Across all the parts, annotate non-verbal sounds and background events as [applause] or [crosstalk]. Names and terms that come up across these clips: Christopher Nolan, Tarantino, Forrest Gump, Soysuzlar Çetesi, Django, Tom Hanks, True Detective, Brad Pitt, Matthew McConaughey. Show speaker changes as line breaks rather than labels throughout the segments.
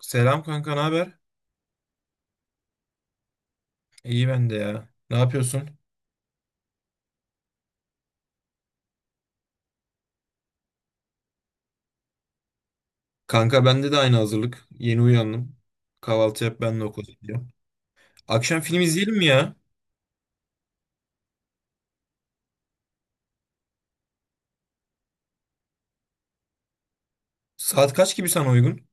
Selam kanka, ne haber? İyi ben de ya. Ne yapıyorsun? Kanka bende de aynı hazırlık. Yeni uyandım. Kahvaltı yap ben de okula gidiyorum. Akşam film izleyelim mi ya? Saat kaç gibi sana uygun?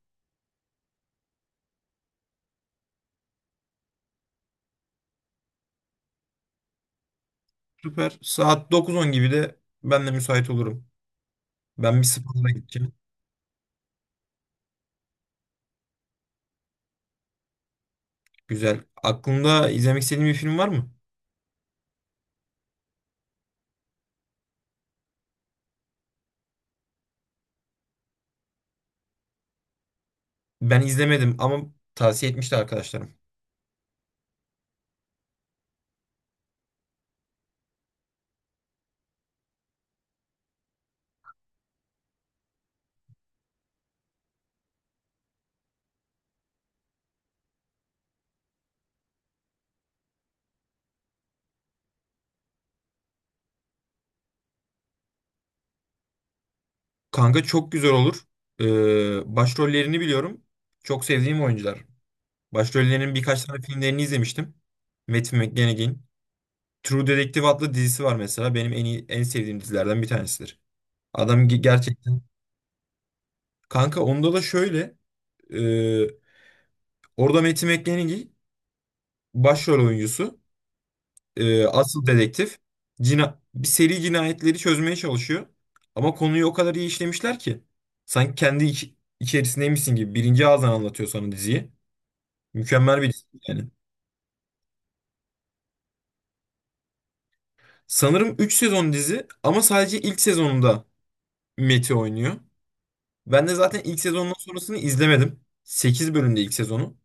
Süper. Saat 9-10 gibi de ben de müsait olurum. Ben bir spora gideceğim. Güzel. Aklında izlemek istediğin bir film var mı? Ben izlemedim ama tavsiye etmişti arkadaşlarım. Kanka çok güzel olur. Başrollerini biliyorum. Çok sevdiğim oyuncular. Başrollerinin birkaç tane filmlerini izlemiştim. Matthew McConaughey'in. True Detective adlı dizisi var mesela. Benim en iyi, en sevdiğim dizilerden bir tanesidir. Adam gerçekten... Kanka onda da şöyle. e, orada Matthew McConaughey başrol oyuncusu. Asıl dedektif. Cina bir seri cinayetleri çözmeye çalışıyor. Ama konuyu o kadar iyi işlemişler ki. Sanki kendi içerisindeymişsin gibi. Birinci ağızdan anlatıyor sana diziyi. Mükemmel bir dizi yani. Sanırım 3 sezon dizi ama sadece ilk sezonunda Meti oynuyor. Ben de zaten ilk sezondan sonrasını izlemedim. 8 bölümde ilk sezonu.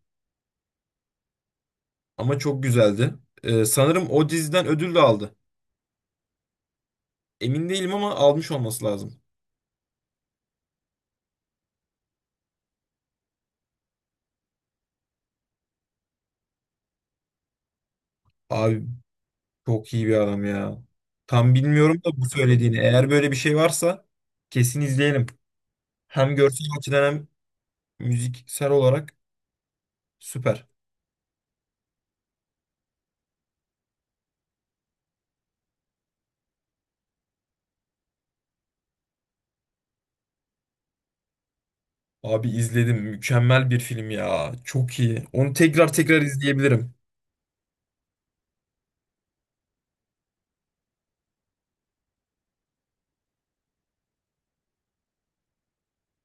Ama çok güzeldi. Sanırım o diziden ödül de aldı. Emin değilim ama almış olması lazım. Abi çok iyi bir adam ya. Tam bilmiyorum da bu söylediğini. Eğer böyle bir şey varsa kesin izleyelim. Hem görsel açıdan hem müziksel olarak süper. Abi izledim. Mükemmel bir film ya. Çok iyi. Onu tekrar tekrar izleyebilirim.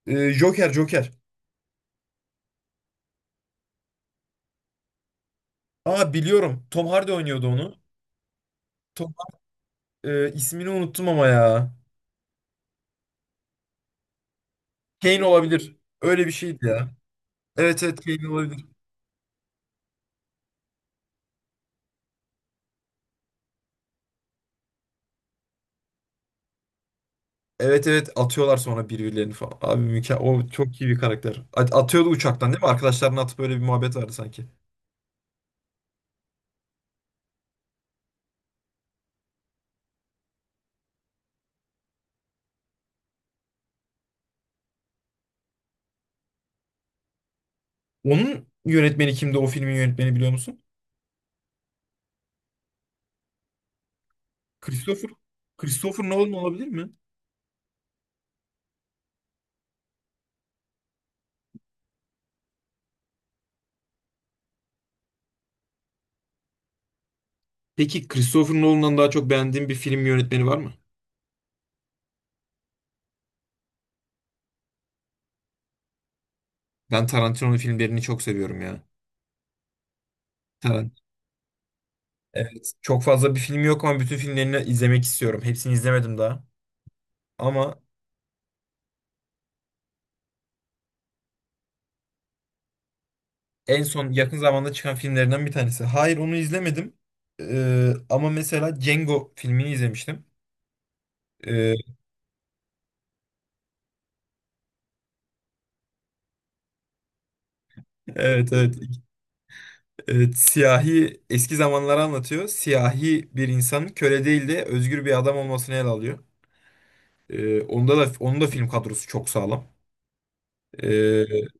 Joker, Joker. Aa biliyorum. Tom Hardy oynuyordu onu. Tom ismini unuttum ama ya. Kane olabilir. Öyle bir şeydi ya. Evet evet Kane olabilir. Evet evet atıyorlar sonra birbirlerini falan. Abi mükemmel. O çok iyi bir karakter. Atıyordu uçaktan değil mi? Arkadaşlarına atıp böyle bir muhabbet vardı sanki. Onun yönetmeni kimdi? O filmin yönetmeni biliyor musun? Christopher. Christopher Nolan olabilir mi? Peki Christopher Nolan'dan daha çok beğendiğin bir film yönetmeni var mı? Ben Tarantino'nun filmlerini çok seviyorum ya. Tarantino. Evet. Çok fazla bir film yok ama bütün filmlerini izlemek istiyorum. Hepsini izlemedim daha. Ama en son yakın zamanda çıkan filmlerinden bir tanesi. Hayır onu izlemedim. Ama mesela Django filmini izlemiştim. Ee, evet, evet evet siyahi eski zamanları anlatıyor. Siyahi bir insanın köle değil de özgür bir adam olmasını ele alıyor. Onda da onun da film kadrosu çok sağlam. Ee,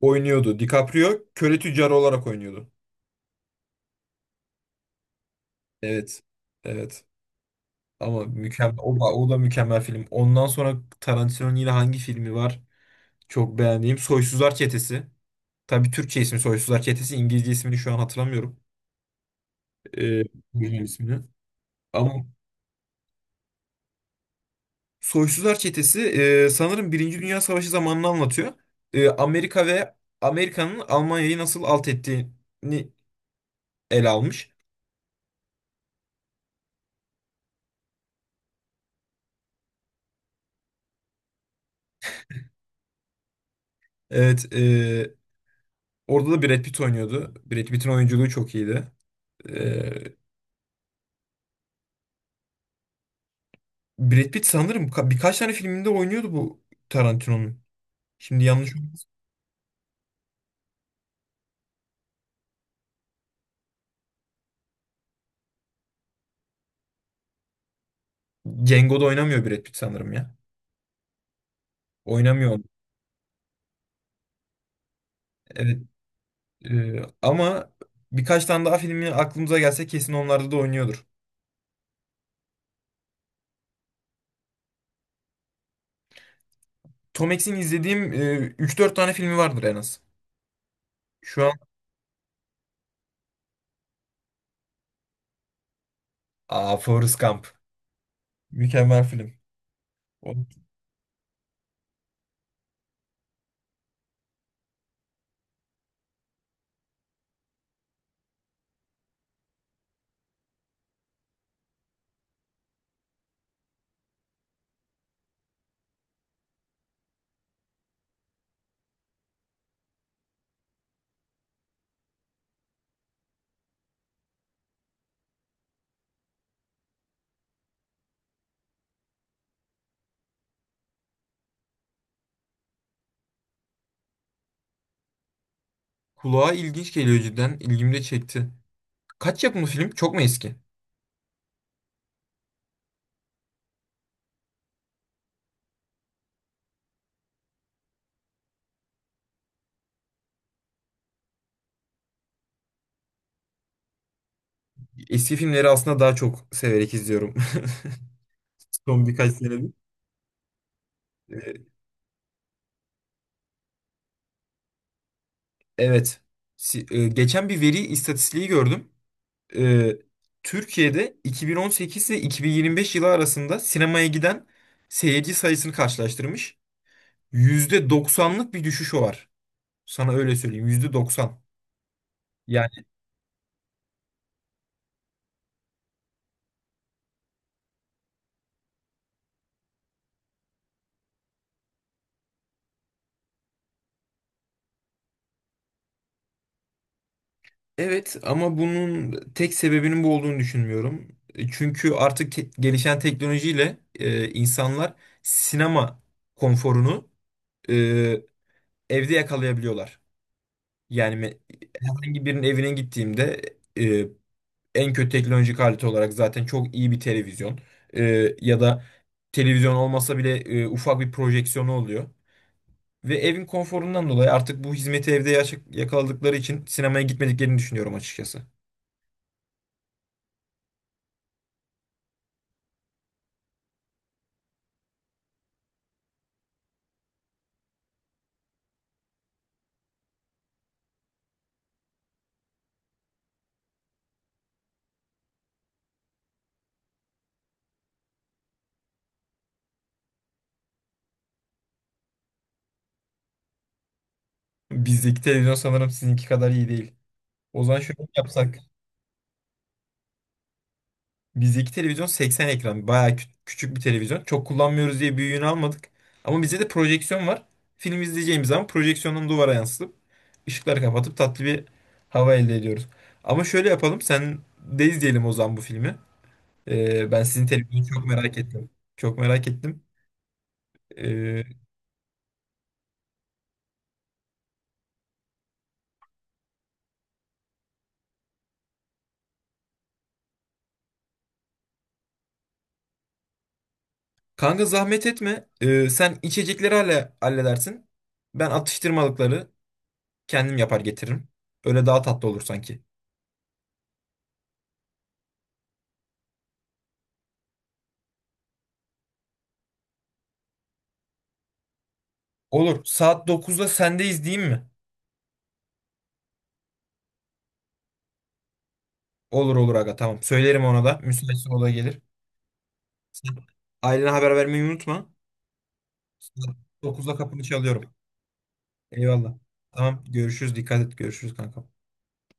oynuyordu. DiCaprio köle tüccarı olarak oynuyordu. Evet. Evet. Ama mükemmel o da mükemmel film. Ondan sonra Tarantino'nun yine hangi filmi var? Çok beğendiğim Soysuzlar Çetesi. Tabii Türkçe ismi Soysuzlar Çetesi. İngilizce ismini şu an hatırlamıyorum. Ee, İngilizce ismini. Ama Soysuzlar Çetesi sanırım Birinci Dünya Savaşı zamanını anlatıyor. E, Amerika ve Amerika'nın Almanya'yı nasıl alt ettiğini ele almış. Evet. Orada da Brad Pitt oynuyordu. Brad Pitt'in oyunculuğu çok iyiydi. E, Brad Pitt sanırım birkaç tane filminde oynuyordu bu Tarantino'nun. Şimdi yanlış olmasın. Django'da oynamıyor Brad Pitt sanırım ya. Oynamıyor. Evet. Ama birkaç tane daha filmi aklımıza gelse kesin onlarda da oynuyordur. Tom Hanks'in izlediğim 3-4 tane filmi vardır en az. Şu an Aa, Forrest Gump. Mükemmel film. O kulağa ilginç geliyor cidden. İlgimi de çekti. Kaç yapımı film? Çok mu eski? Eski filmleri aslında daha çok severek izliyorum. [laughs] Son birkaç senedir. Ee, evet. Geçen bir veri istatistiği gördüm. e, Türkiye'de 2018 ile 2025 yılı arasında sinemaya giden seyirci sayısını karşılaştırmış. %90'lık bir düşüş var. Sana öyle söyleyeyim. %90. Yani evet ama bunun tek sebebinin bu olduğunu düşünmüyorum. E, çünkü artık gelişen teknolojiyle insanlar sinema konforunu e, evde yakalayabiliyorlar. Yani herhangi birinin evine gittiğimde e, en kötü teknolojik alet olarak zaten çok iyi bir televizyon, ya da televizyon olmasa bile ufak bir projeksiyonu oluyor. Ve evin konforundan dolayı artık bu hizmeti evde yakaladıkları için sinemaya gitmediklerini düşünüyorum açıkçası. Bizdeki televizyon sanırım sizinki kadar iyi değil. O zaman şöyle yapsak. Bizdeki televizyon 80 ekran. Bayağı küçük bir televizyon. Çok kullanmıyoruz diye büyüğünü almadık. Ama bizde de projeksiyon var. Film izleyeceğimiz zaman projeksiyonun duvara yansıtıp ışıkları kapatıp tatlı bir hava elde ediyoruz. Ama şöyle yapalım. Sen de izleyelim o zaman bu filmi. Ben sizin televizyonu çok merak ettim. Çok merak ettim. Ee, kanka zahmet etme. Sen içecekleri halledersin. Ben atıştırmalıkları kendim yapar getiririm. Öyle daha tatlı olur sanki. Olur. Saat 9'da sendeyiz değil mi? Olur olur aga tamam. Söylerim ona da. Müsaitse o da gelir. Sen ailene haber vermeyi unutma. Saat 9'da kapını çalıyorum. Eyvallah. Tamam görüşürüz. Dikkat et. Görüşürüz kanka.